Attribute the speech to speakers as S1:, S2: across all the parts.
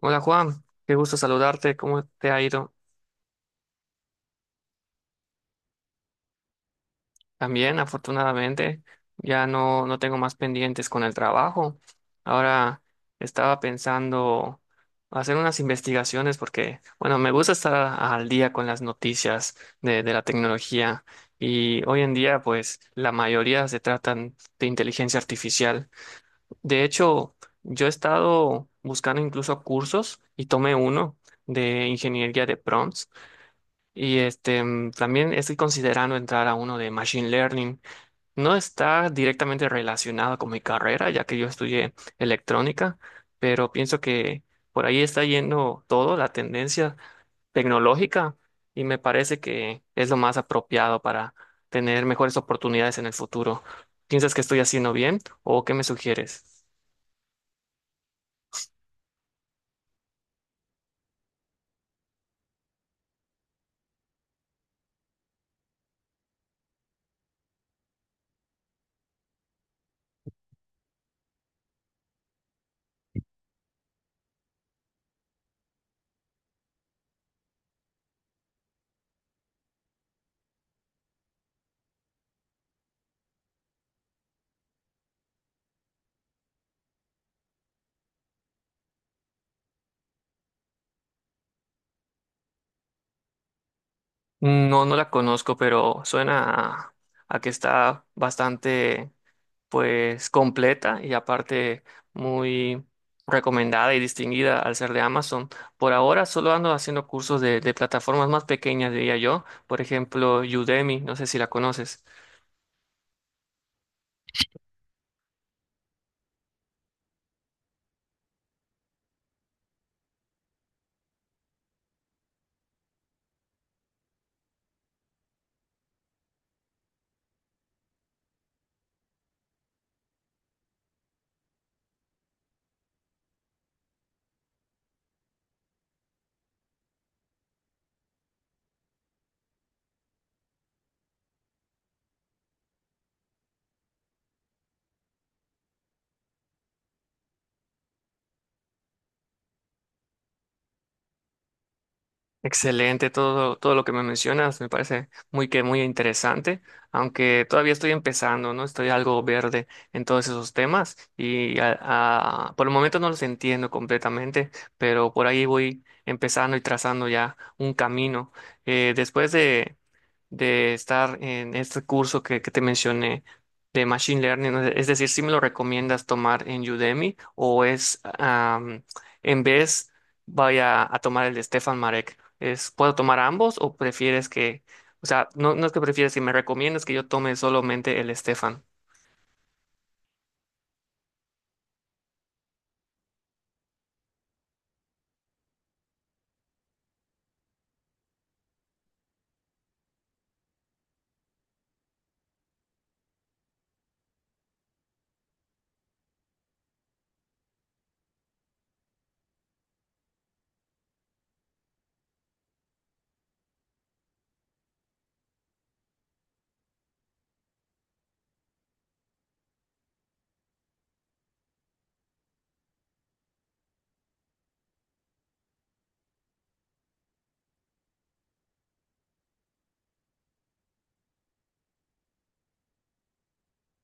S1: Hola Juan, qué gusto saludarte. ¿Cómo te ha ido? También, afortunadamente, ya no tengo más pendientes con el trabajo. Ahora estaba pensando hacer unas investigaciones porque, bueno, me gusta estar al día con las noticias de la tecnología y hoy en día, pues, la mayoría se tratan de inteligencia artificial. De hecho, yo he estado buscando incluso cursos y tomé uno de ingeniería de prompts. Y también estoy considerando entrar a uno de Machine Learning. No está directamente relacionado con mi carrera, ya que yo estudié electrónica, pero pienso que por ahí está yendo todo, la tendencia tecnológica, y me parece que es lo más apropiado para tener mejores oportunidades en el futuro. ¿Piensas que estoy haciendo bien o qué me sugieres? No, no la conozco, pero suena a a que está bastante pues completa y aparte muy recomendada y distinguida al ser de Amazon. Por ahora solo ando haciendo cursos de plataformas más pequeñas, diría yo, por ejemplo, Udemy, no sé si la conoces. Excelente, todo lo que me mencionas me parece muy interesante, aunque todavía estoy empezando, ¿no? Estoy algo verde en todos esos temas y por el momento no los entiendo completamente, pero por ahí voy empezando y trazando ya un camino. Después de estar en este curso que te mencioné de Machine Learning, ¿no? Es decir, ¿si me lo recomiendas tomar en Udemy o es en vez vaya a tomar el de Stefan Marek? ¿Es, puedo tomar ambos o prefieres que, o sea, no, no es que prefieres, si me recomiendas que yo tome solamente el Stefan?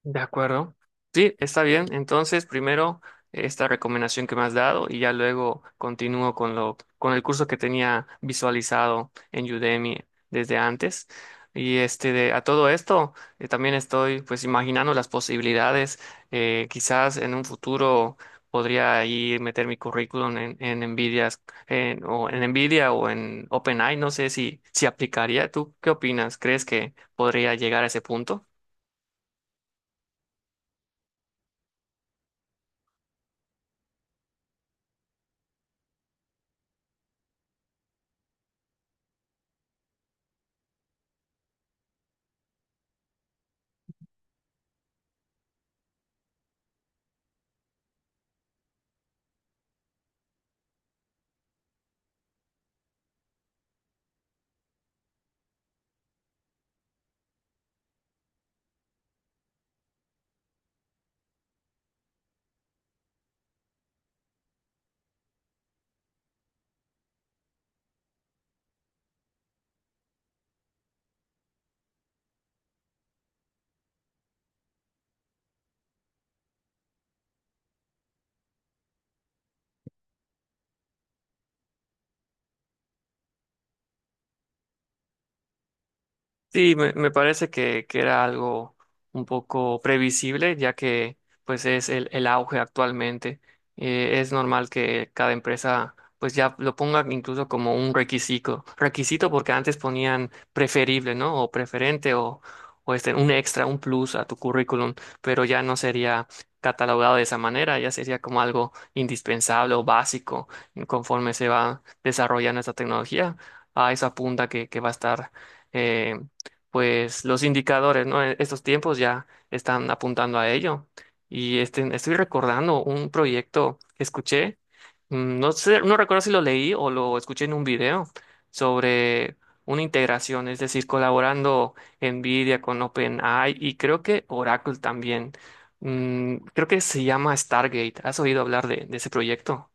S1: De acuerdo. Sí, está bien. Entonces, primero esta recomendación que me has dado y ya luego continúo con con el curso que tenía visualizado en Udemy desde antes. Y a todo esto, también estoy pues imaginando las posibilidades. Quizás en un futuro podría ahí meter mi currículum en Nvidia, o en Nvidia o en OpenAI. No sé si, si aplicaría. ¿Tú qué opinas? ¿Crees que podría llegar a ese punto? Sí, me parece que era algo un poco previsible, ya que pues es el auge actualmente. Es normal que cada empresa pues ya lo ponga incluso como un requisito, porque antes ponían preferible, ¿no? O preferente o este, un extra, un plus a tu currículum, pero ya no sería catalogado de esa manera, ya sería como algo indispensable o básico conforme se va desarrollando esta tecnología. A esa punta que va a estar. eh, pues los indicadores, ¿no? Estos tiempos ya están apuntando a ello. Y este, estoy recordando un proyecto que escuché, no sé, no recuerdo si lo leí o lo escuché en un video sobre una integración, es decir, colaborando NVIDIA con OpenAI y creo que Oracle también. Creo que se llama Stargate. ¿Has oído hablar de ese proyecto?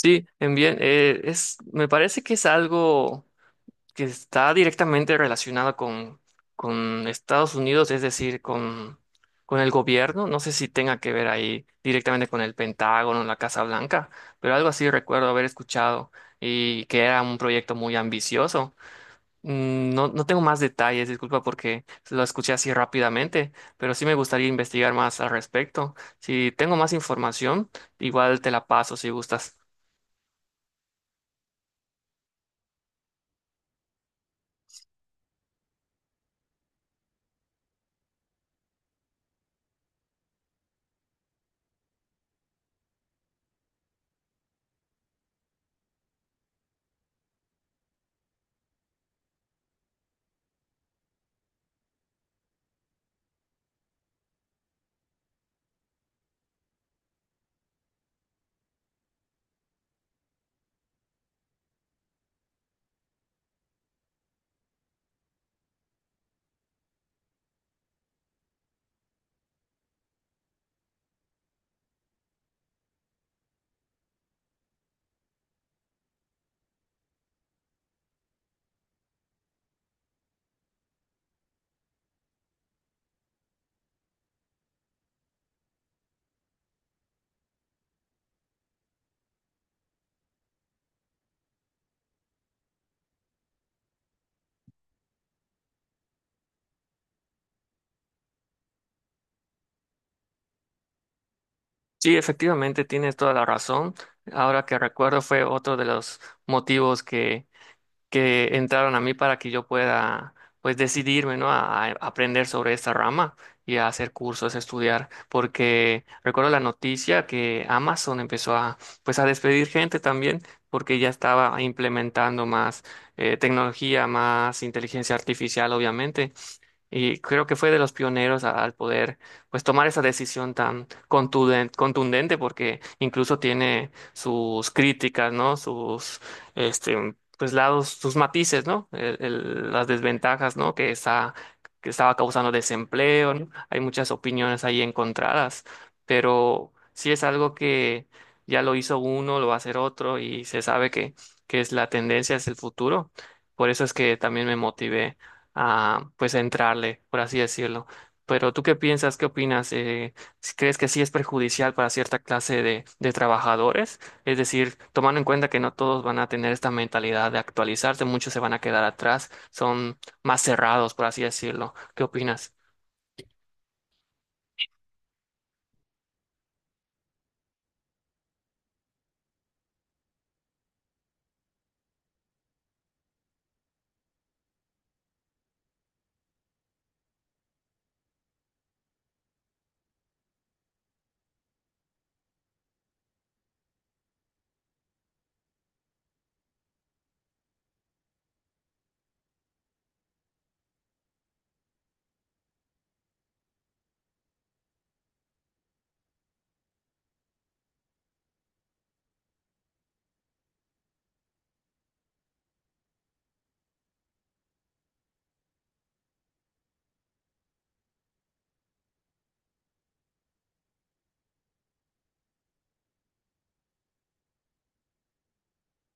S1: Sí, en bien, me parece que es algo que está directamente relacionado con Estados Unidos, es decir, con el gobierno. No sé si tenga que ver ahí directamente con el Pentágono, la Casa Blanca, pero algo así recuerdo haber escuchado y que era un proyecto muy ambicioso. No, no tengo más detalles, disculpa porque lo escuché así rápidamente, pero sí me gustaría investigar más al respecto. Si tengo más información, igual te la paso si gustas. Sí, efectivamente, tienes toda la razón. Ahora que recuerdo fue otro de los motivos que entraron a mí para que yo pueda pues decidirme, ¿no? A aprender sobre esta rama y a hacer cursos, a estudiar, porque recuerdo la noticia que Amazon empezó a pues a despedir gente también porque ya estaba implementando más tecnología, más inteligencia artificial, obviamente, y creo que fue de los pioneros al poder pues tomar esa decisión tan contundente, porque incluso tiene sus críticas, ¿no? Sus este pues lados, sus matices, ¿no? Las desventajas, ¿no? Que está que estaba causando desempleo, ¿no? Hay muchas opiniones ahí encontradas, pero sí es algo que ya lo hizo uno, lo va a hacer otro y se sabe que es la tendencia, es el futuro. Por eso es que también me motivé a pues a entrarle, por así decirlo. Pero ¿tú qué piensas? ¿Qué opinas? Si ¿crees que sí es perjudicial para cierta clase de trabajadores? Es decir, tomando en cuenta que no todos van a tener esta mentalidad de actualizarse, muchos se van a quedar atrás, son más cerrados, por así decirlo. ¿Qué opinas?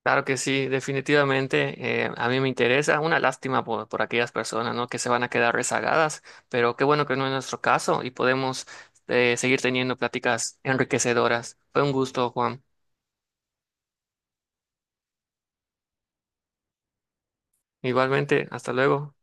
S1: Claro que sí, definitivamente a mí me interesa. Una lástima por aquellas personas, ¿no? que se van a quedar rezagadas, pero qué bueno que no es nuestro caso y podemos seguir teniendo pláticas enriquecedoras. Fue un gusto, Juan. Igualmente, hasta luego.